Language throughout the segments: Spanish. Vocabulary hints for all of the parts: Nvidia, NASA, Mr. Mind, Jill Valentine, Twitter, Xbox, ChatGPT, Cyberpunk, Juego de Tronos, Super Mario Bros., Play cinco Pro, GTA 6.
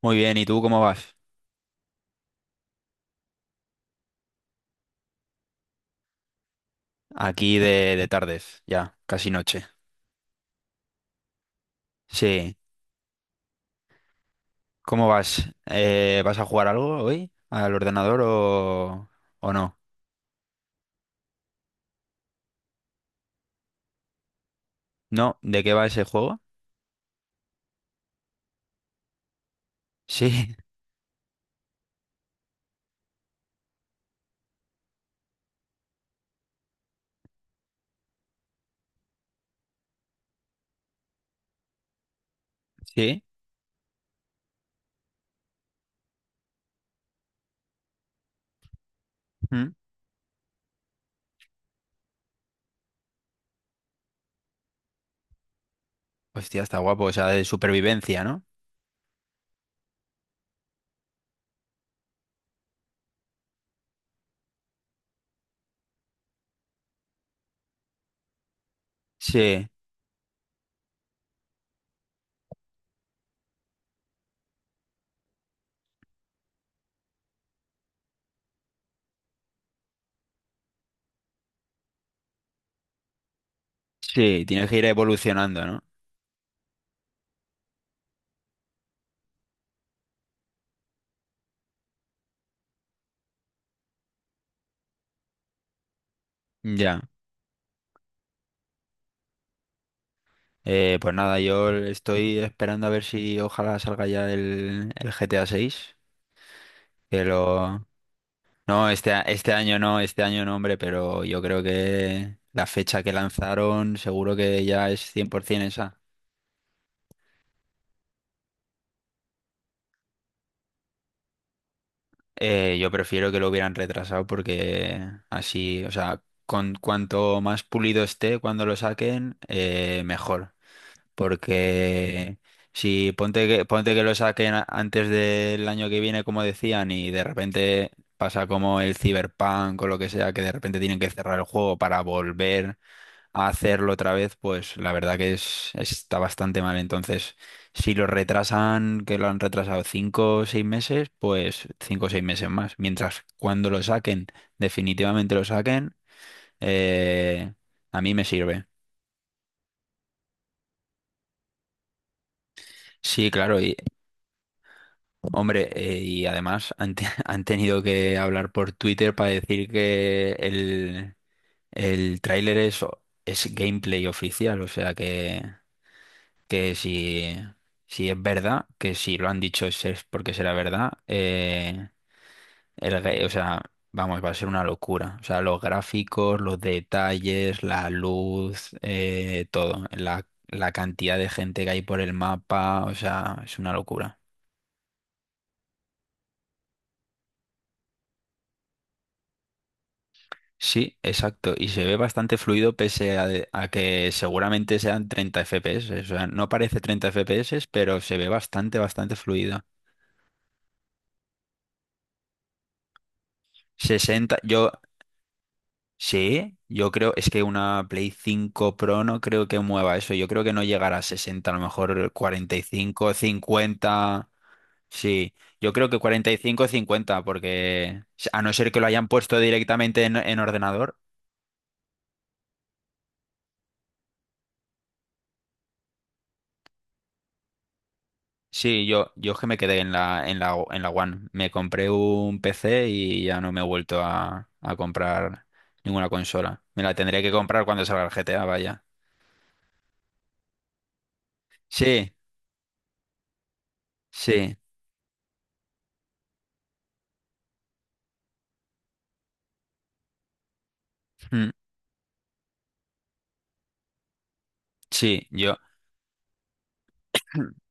Muy bien, ¿y tú cómo vas? Aquí de tardes, ya, casi noche. Sí, ¿cómo vas? ¿Vas a jugar algo hoy? ¿Al ordenador o no? ¿No? ¿De qué va ese juego? Sí, sí. ¿Mm? Hostia, está guapo, o sea, de supervivencia, ¿no? Sí, sí, tienes que ir evolucionando, ¿no? Ya. Pues nada, yo estoy esperando a ver si ojalá salga ya el GTA 6, que lo, no, este, este año no, hombre, pero yo creo que la fecha que lanzaron seguro que ya es 100% esa. Yo prefiero que lo hubieran retrasado porque así, o sea, con cuanto más pulido esté cuando lo saquen, mejor. Porque si ponte que lo saquen antes del año que viene, como decían, y de repente pasa como el Cyberpunk o lo que sea, que de repente tienen que cerrar el juego para volver a hacerlo otra vez, pues la verdad que está bastante mal. Entonces, si lo retrasan, que lo han retrasado 5 o 6 meses, pues 5 o 6 meses más. Mientras cuando lo saquen, definitivamente lo saquen, eh, a mí me sirve. Sí, claro, y hombre, y además han tenido que hablar por Twitter para decir que el tráiler es gameplay oficial, o sea que... Que si es verdad, que si lo han dicho es porque será verdad, o sea, vamos, va a ser una locura. O sea, los gráficos, los detalles, la luz, todo, la cantidad de gente que hay por el mapa, o sea, es una locura. Sí, exacto, y se ve bastante fluido pese a que seguramente sean 30 FPS, o sea, no parece 30 FPS, pero se ve bastante, bastante fluido. 60, yo... Sí, yo creo, es que una Play 5 Pro no creo que mueva eso. Yo creo que no llegará a 60, a lo mejor 45, 50. Sí, yo creo que 45, 50, porque a no ser que lo hayan puesto directamente en ordenador. Sí, yo es que me quedé en la One. Me compré un PC y ya no me he vuelto a comprar ninguna consola. Me la tendré que comprar cuando salga el GTA, vaya. Sí, sí. mm, Sí, yo,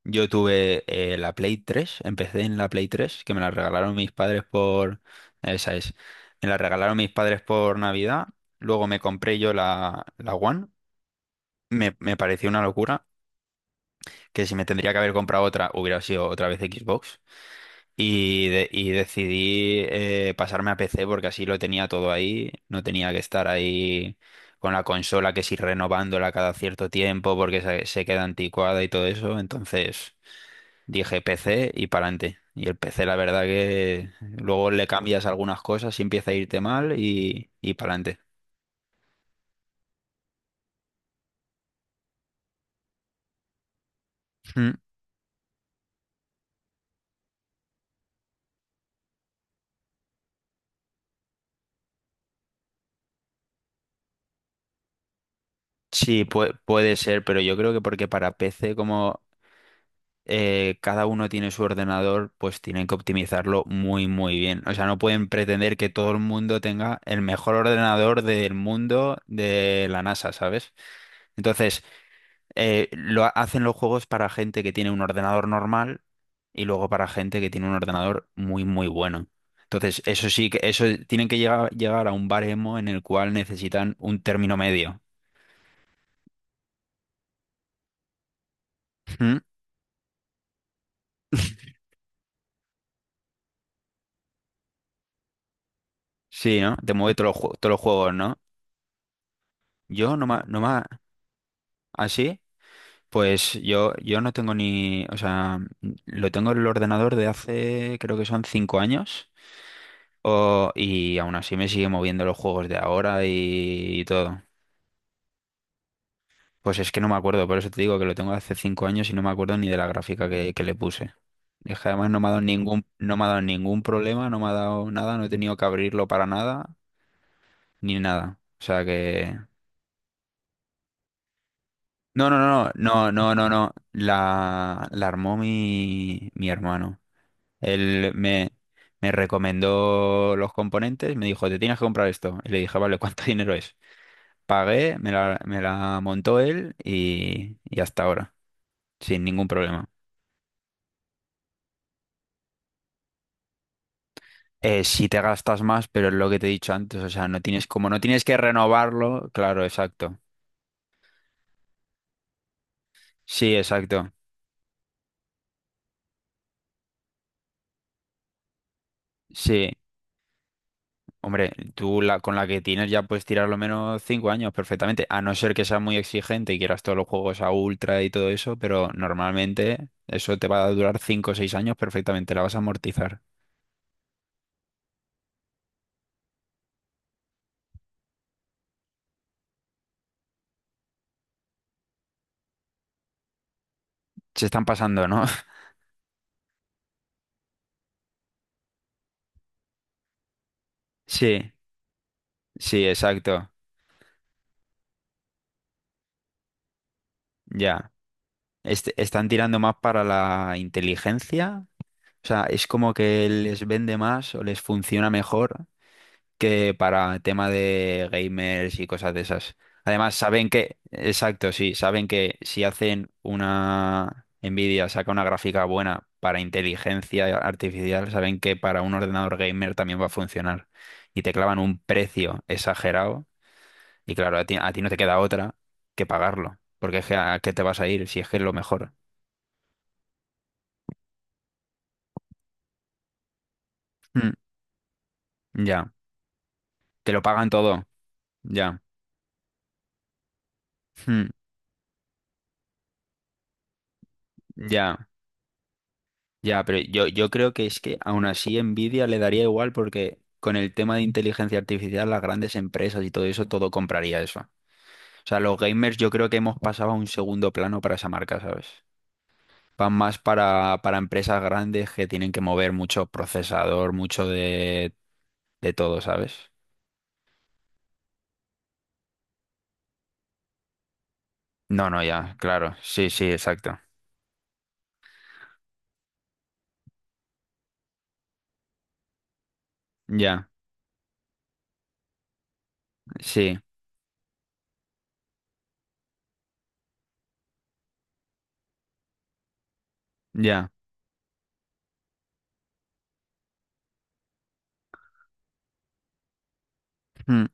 Yo tuve la Play 3, empecé en la Play 3 que me la regalaron mis padres por... Esa es. Me la regalaron mis padres por Navidad, luego me compré yo la One, me pareció una locura, que si me tendría que haber comprado otra, hubiera sido otra vez Xbox, y decidí pasarme a PC porque así lo tenía todo ahí, no tenía que estar ahí con la consola que si renovándola cada cierto tiempo porque se queda anticuada y todo eso, entonces... Dije PC y para adelante. Y el PC, la verdad que luego le cambias algunas cosas y empieza a irte mal y para adelante. Mm, sí, puede ser, pero yo creo que porque para PC, como cada uno tiene su ordenador, pues tienen que optimizarlo muy, muy bien. O sea, no pueden pretender que todo el mundo tenga el mejor ordenador del mundo de la NASA, ¿sabes? Entonces, lo hacen los juegos para gente que tiene un ordenador normal y luego para gente que tiene un ordenador muy, muy bueno. Entonces, eso tienen que llegar a un baremo en el cual necesitan un término medio. ¿Mm? Sí, ¿no? Te mueve todos los juegos, ¿no? Yo no más, no más, así... Pues yo no tengo ni, o sea, lo tengo en el ordenador de hace, creo que son 5 años, y aún así me sigue moviendo los juegos de ahora y todo. Pues es que no me acuerdo, por eso te digo que lo tengo hace 5 años y no me acuerdo ni de la gráfica que le puse. Es que además no me ha dado ningún, no me ha dado ningún problema, no me ha dado nada, no he tenido que abrirlo para nada, ni nada. O sea que... No, no, no, no, no, no, no. La armó mi hermano. Él me recomendó los componentes, me dijo, te tienes que comprar esto. Y le dije, vale, ¿cuánto dinero es? Pagué, me la montó él y hasta ahora, sin ningún problema. Si te gastas más, pero es lo que te he dicho antes, o sea, no tienes, como no tienes que renovarlo, claro, exacto. Sí, exacto. Sí, hombre, tú con la que tienes ya puedes tirar lo menos 5 años perfectamente, a no ser que seas muy exigente y quieras todos los juegos a ultra y todo eso, pero normalmente eso te va a durar 5 o 6 años perfectamente, la vas a amortizar. Se están pasando, ¿no? Sí, sí, exacto. Ya. Están tirando más para la inteligencia. O sea, es como que les vende más o les funciona mejor que para tema de gamers y cosas de esas. Además, saben que, exacto, sí, saben que si hacen una Nvidia, saca una gráfica buena para inteligencia artificial, saben que para un ordenador gamer también va a funcionar. Y te clavan un precio exagerado y claro, a ti no te queda otra que pagarlo, porque es que a qué te vas a ir si es que es lo mejor. Mm, ya, te lo pagan todo, ya. Mm, ya. Ya, pero yo creo que es que aún así Nvidia le daría igual porque con el tema de inteligencia artificial, las grandes empresas y todo eso, todo compraría eso. O sea, los gamers yo creo que hemos pasado a un segundo plano para esa marca, ¿sabes? Van más para empresas grandes que tienen que mover mucho procesador, mucho de todo, ¿sabes? No, no, ya, claro. Sí, sí, exacto. Ya, sí, ya. Mm.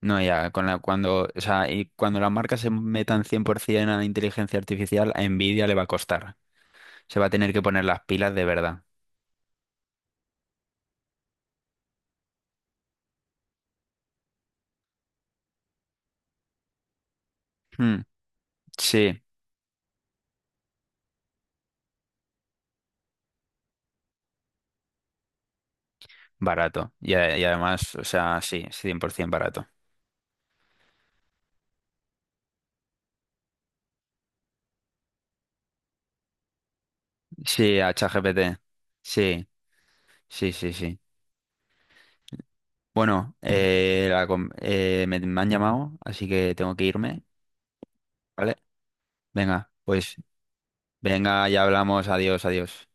No, ya, o sea, y cuando las marcas se metan 100% a la inteligencia artificial, a Nvidia le va a costar. Se va a tener que poner las pilas de verdad. Hmm, sí, barato. Y además, o sea, sí, 100% barato. Sí, a ChatGPT. Sí, sí, sí, sí. Bueno, me han llamado, así que tengo que irme, ¿vale? Venga, pues venga, ya hablamos. Adiós, adiós.